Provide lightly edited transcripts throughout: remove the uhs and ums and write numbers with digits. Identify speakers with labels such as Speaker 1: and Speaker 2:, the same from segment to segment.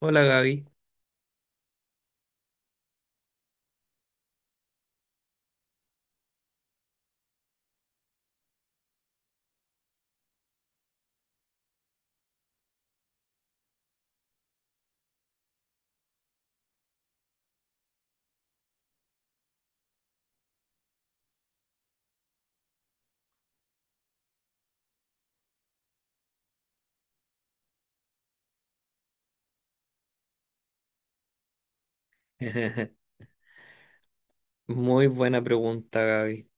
Speaker 1: Hola Gaby. Muy buena pregunta, Gaby.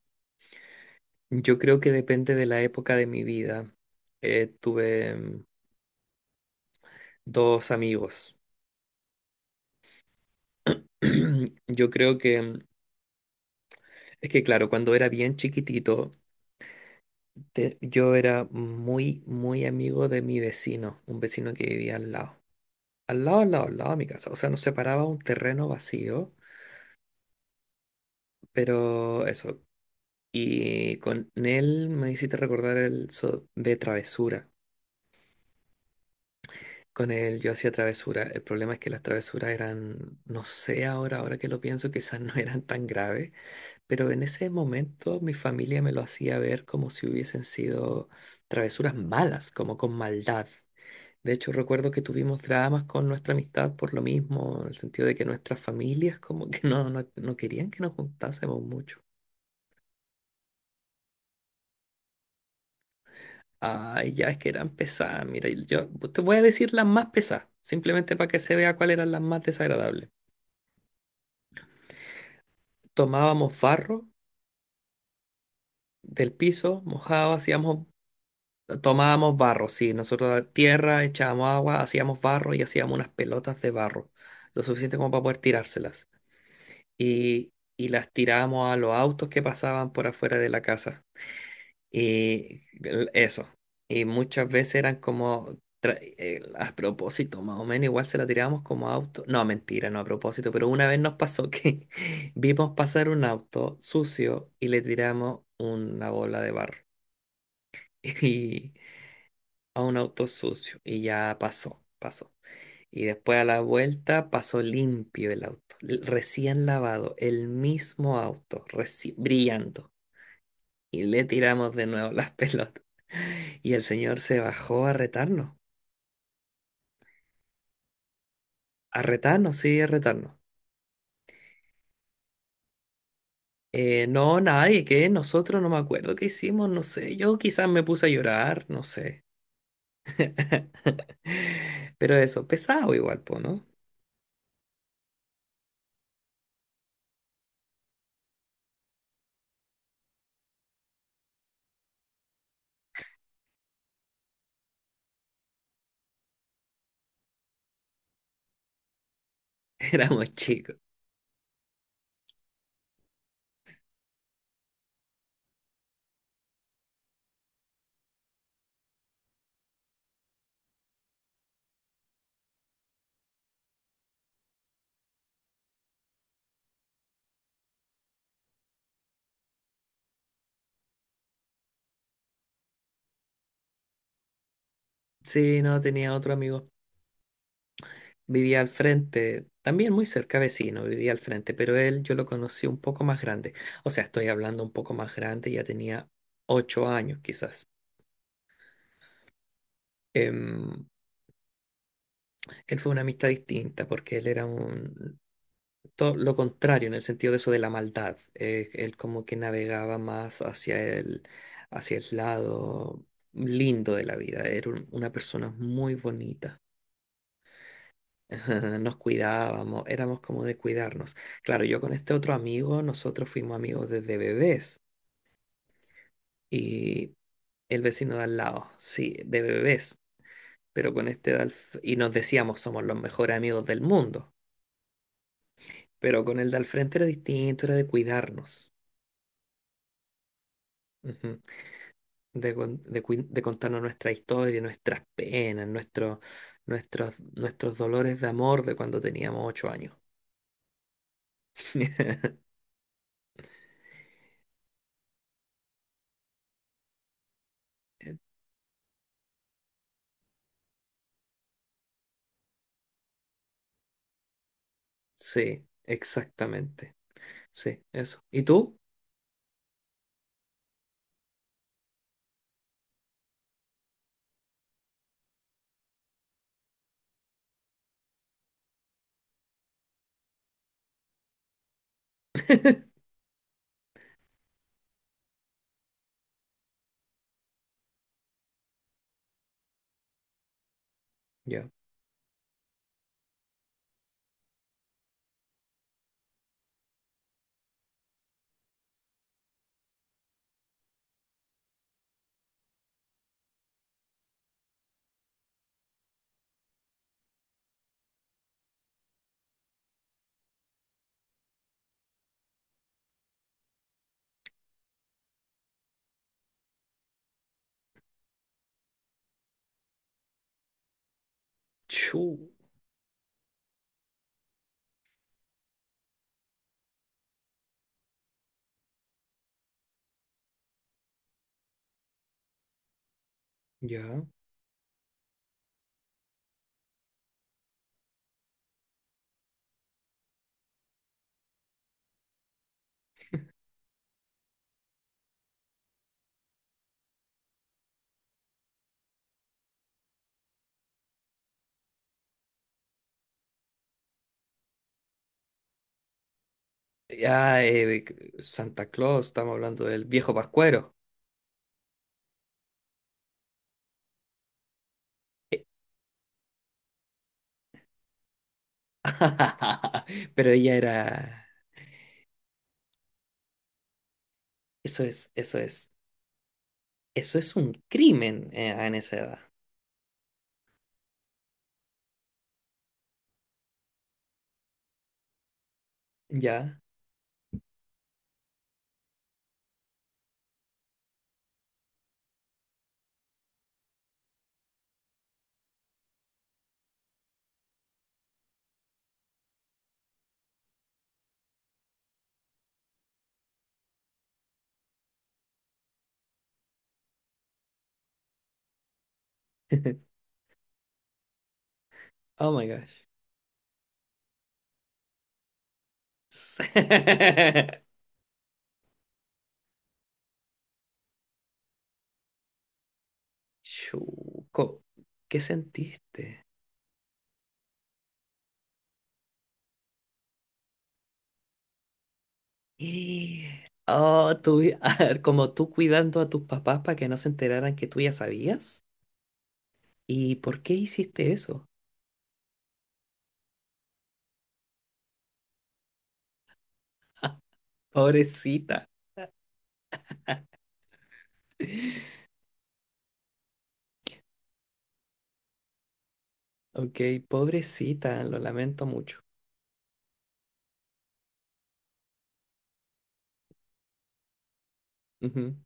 Speaker 1: Yo creo que depende de la época de mi vida. Tuve dos amigos. Yo creo que, es que claro, cuando era bien chiquitito, yo era muy amigo de mi vecino, un vecino que vivía al lado. Al lado, al lado, al lado de mi casa. O sea, nos separaba un terreno vacío, pero eso. Y con él me hiciste recordar el de travesura. Con él yo hacía travesuras. El problema es que las travesuras eran, no sé ahora, ahora que lo pienso, quizás no eran tan graves, pero en ese momento mi familia me lo hacía ver como si hubiesen sido travesuras malas, como con maldad. De hecho, recuerdo que tuvimos dramas con nuestra amistad por lo mismo, en el sentido de que nuestras familias como que no, no, no querían que nos juntásemos mucho. Ay, ya es que eran pesadas. Mira, y yo te voy a decir las más pesadas, simplemente para que se vea cuáles eran las más desagradables. Tomábamos farro del piso mojado tomábamos barro, sí, nosotros a tierra, echábamos agua, hacíamos barro y hacíamos unas pelotas de barro, lo suficiente como para poder tirárselas. Y las tirábamos a los autos que pasaban por afuera de la casa. Y eso. Y muchas veces eran como... A propósito, más o menos, igual se la tirábamos como auto. No, mentira, no a propósito, pero una vez nos pasó que vimos pasar un auto sucio y le tiramos una bola de barro. Y a un auto sucio y ya pasó, pasó. Y después a la vuelta pasó limpio el auto, recién lavado, el mismo auto, brillando. Y le tiramos de nuevo las pelotas. Y el señor se bajó a retarnos, sí, a retarnos. No, nadie, que nosotros no me acuerdo qué hicimos, no sé. Yo quizás me puse a llorar, no sé. Pero eso, pesado igual, po, ¿no? Éramos chicos. Sí, no, tenía otro amigo. Vivía al frente, también muy cerca vecino, vivía al frente, pero él yo lo conocí un poco más grande. O sea, estoy hablando un poco más grande, ya tenía 8 años quizás. Em, él fue una amistad distinta porque él era un todo lo contrario en el sentido de eso de la maldad. Él como que navegaba más hacia hacia el lado lindo de la vida. Era una persona muy bonita. Nos cuidábamos, éramos como de cuidarnos. Claro, yo con este otro amigo, nosotros fuimos amigos desde bebés y el vecino de al lado, sí, de bebés, pero con este de y nos decíamos somos los mejores amigos del mundo, pero con el de al frente era distinto, era de cuidarnos, ujú. De contarnos nuestra historia, nuestras penas, nuestros dolores de amor de cuando teníamos 8 años. Sí, exactamente. Sí, eso. ¿Y tú? Ya. Chu. Ya. Ya, Santa Claus, estamos hablando del viejo Pascuero. Eh, Pero ella era... Eso es, eso es, eso es un crimen en esa edad. Ya. Oh my gosh. Chu, ¿qué sentiste? Oh, tú, a ver, como tú cuidando a tus papás para que no se enteraran que tú ya sabías. ¿Y por qué hiciste eso? Pobrecita. Ok, pobrecita, lo lamento mucho. Ujú.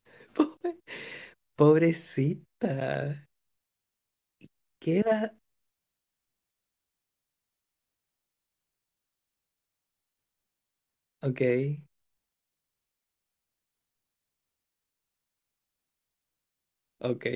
Speaker 1: Pobre- pobrecita. Queda. Ok, ok.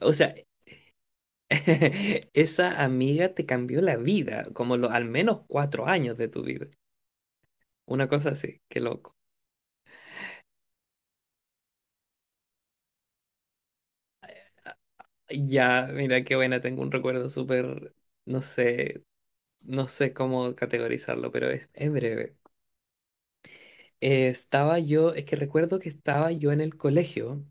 Speaker 1: O sea, esa amiga te cambió la vida, como lo, al menos 4 años de tu vida. Una cosa así, qué loco. Ah, ya, mira qué buena, tengo un recuerdo súper, no sé, no sé cómo categorizarlo, pero es breve. Estaba yo, es que recuerdo que estaba yo en el colegio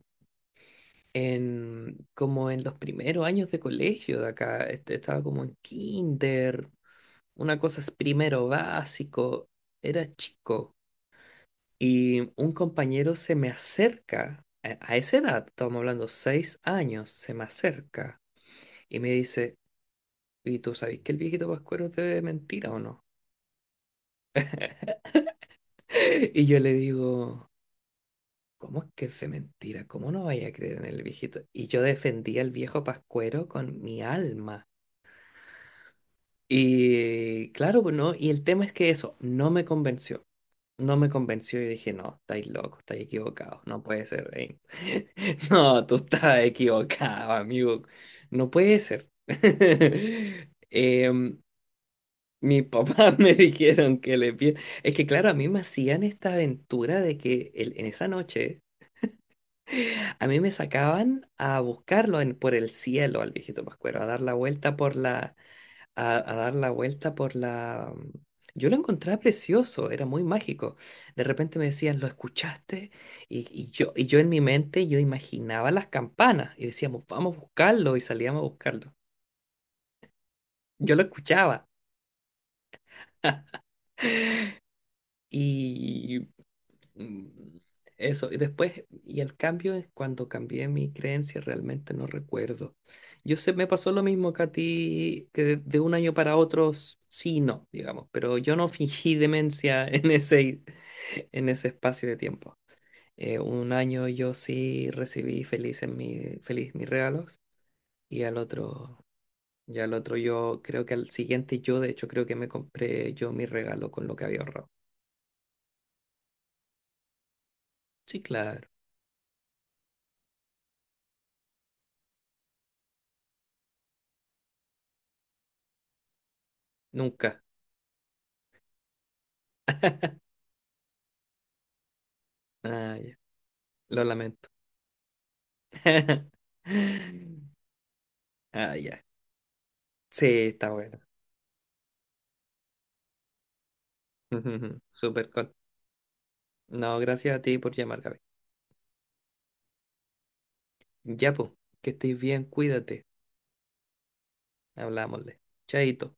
Speaker 1: en, como en los primeros años de colegio de acá, este, estaba como en kinder, una cosa es primero básico, era chico, y un compañero se me acerca, a esa edad, estamos hablando 6 años, se me acerca y me dice, ¿y tú sabes que el viejito Pascuero es de mentira o no? Y yo le digo... ¿Cómo es que es de mentira? ¿Cómo no vaya a creer en el viejito? Y yo defendía al viejo Pascuero con mi alma. Y claro, pues no, y el tema es que eso no me convenció. No me convenció y dije, no, estáis locos, estáis equivocados, no puede ser. No, tú estás equivocado, amigo. No puede ser. Em, mis papás me dijeron que le pide. Es que claro, a mí me hacían esta aventura de que en esa noche a mí me sacaban a buscarlo por el cielo al viejito Pascuero, a dar la vuelta por a dar la vuelta por la... yo lo encontraba precioso, era muy mágico. De repente me decían, ¿lo escuchaste? Y yo en mi mente, yo imaginaba las campanas y decíamos, vamos a buscarlo y salíamos a buscarlo. Yo lo escuchaba y Mm, eso, y después, y el cambio es cuando cambié mi creencia, realmente no recuerdo. Yo sé, me pasó lo mismo que a ti, que de un año para otro, sí, y no, digamos, pero yo no fingí demencia en ese espacio de tiempo. Un año yo sí recibí feliz, en mi, feliz mis regalos, y al otro, y al otro yo, creo que al siguiente yo, de hecho, creo que me compré yo mi regalo con lo que había ahorrado. Sí, claro, nunca. Ah, ya, lo lamento. Ah, ya. Sí, está bueno. Ujujujú. Súper con... No, gracias a ti por llamar, Gaby. Ya, pues, que estés bien, cuídate. Hablámosle. Chaito.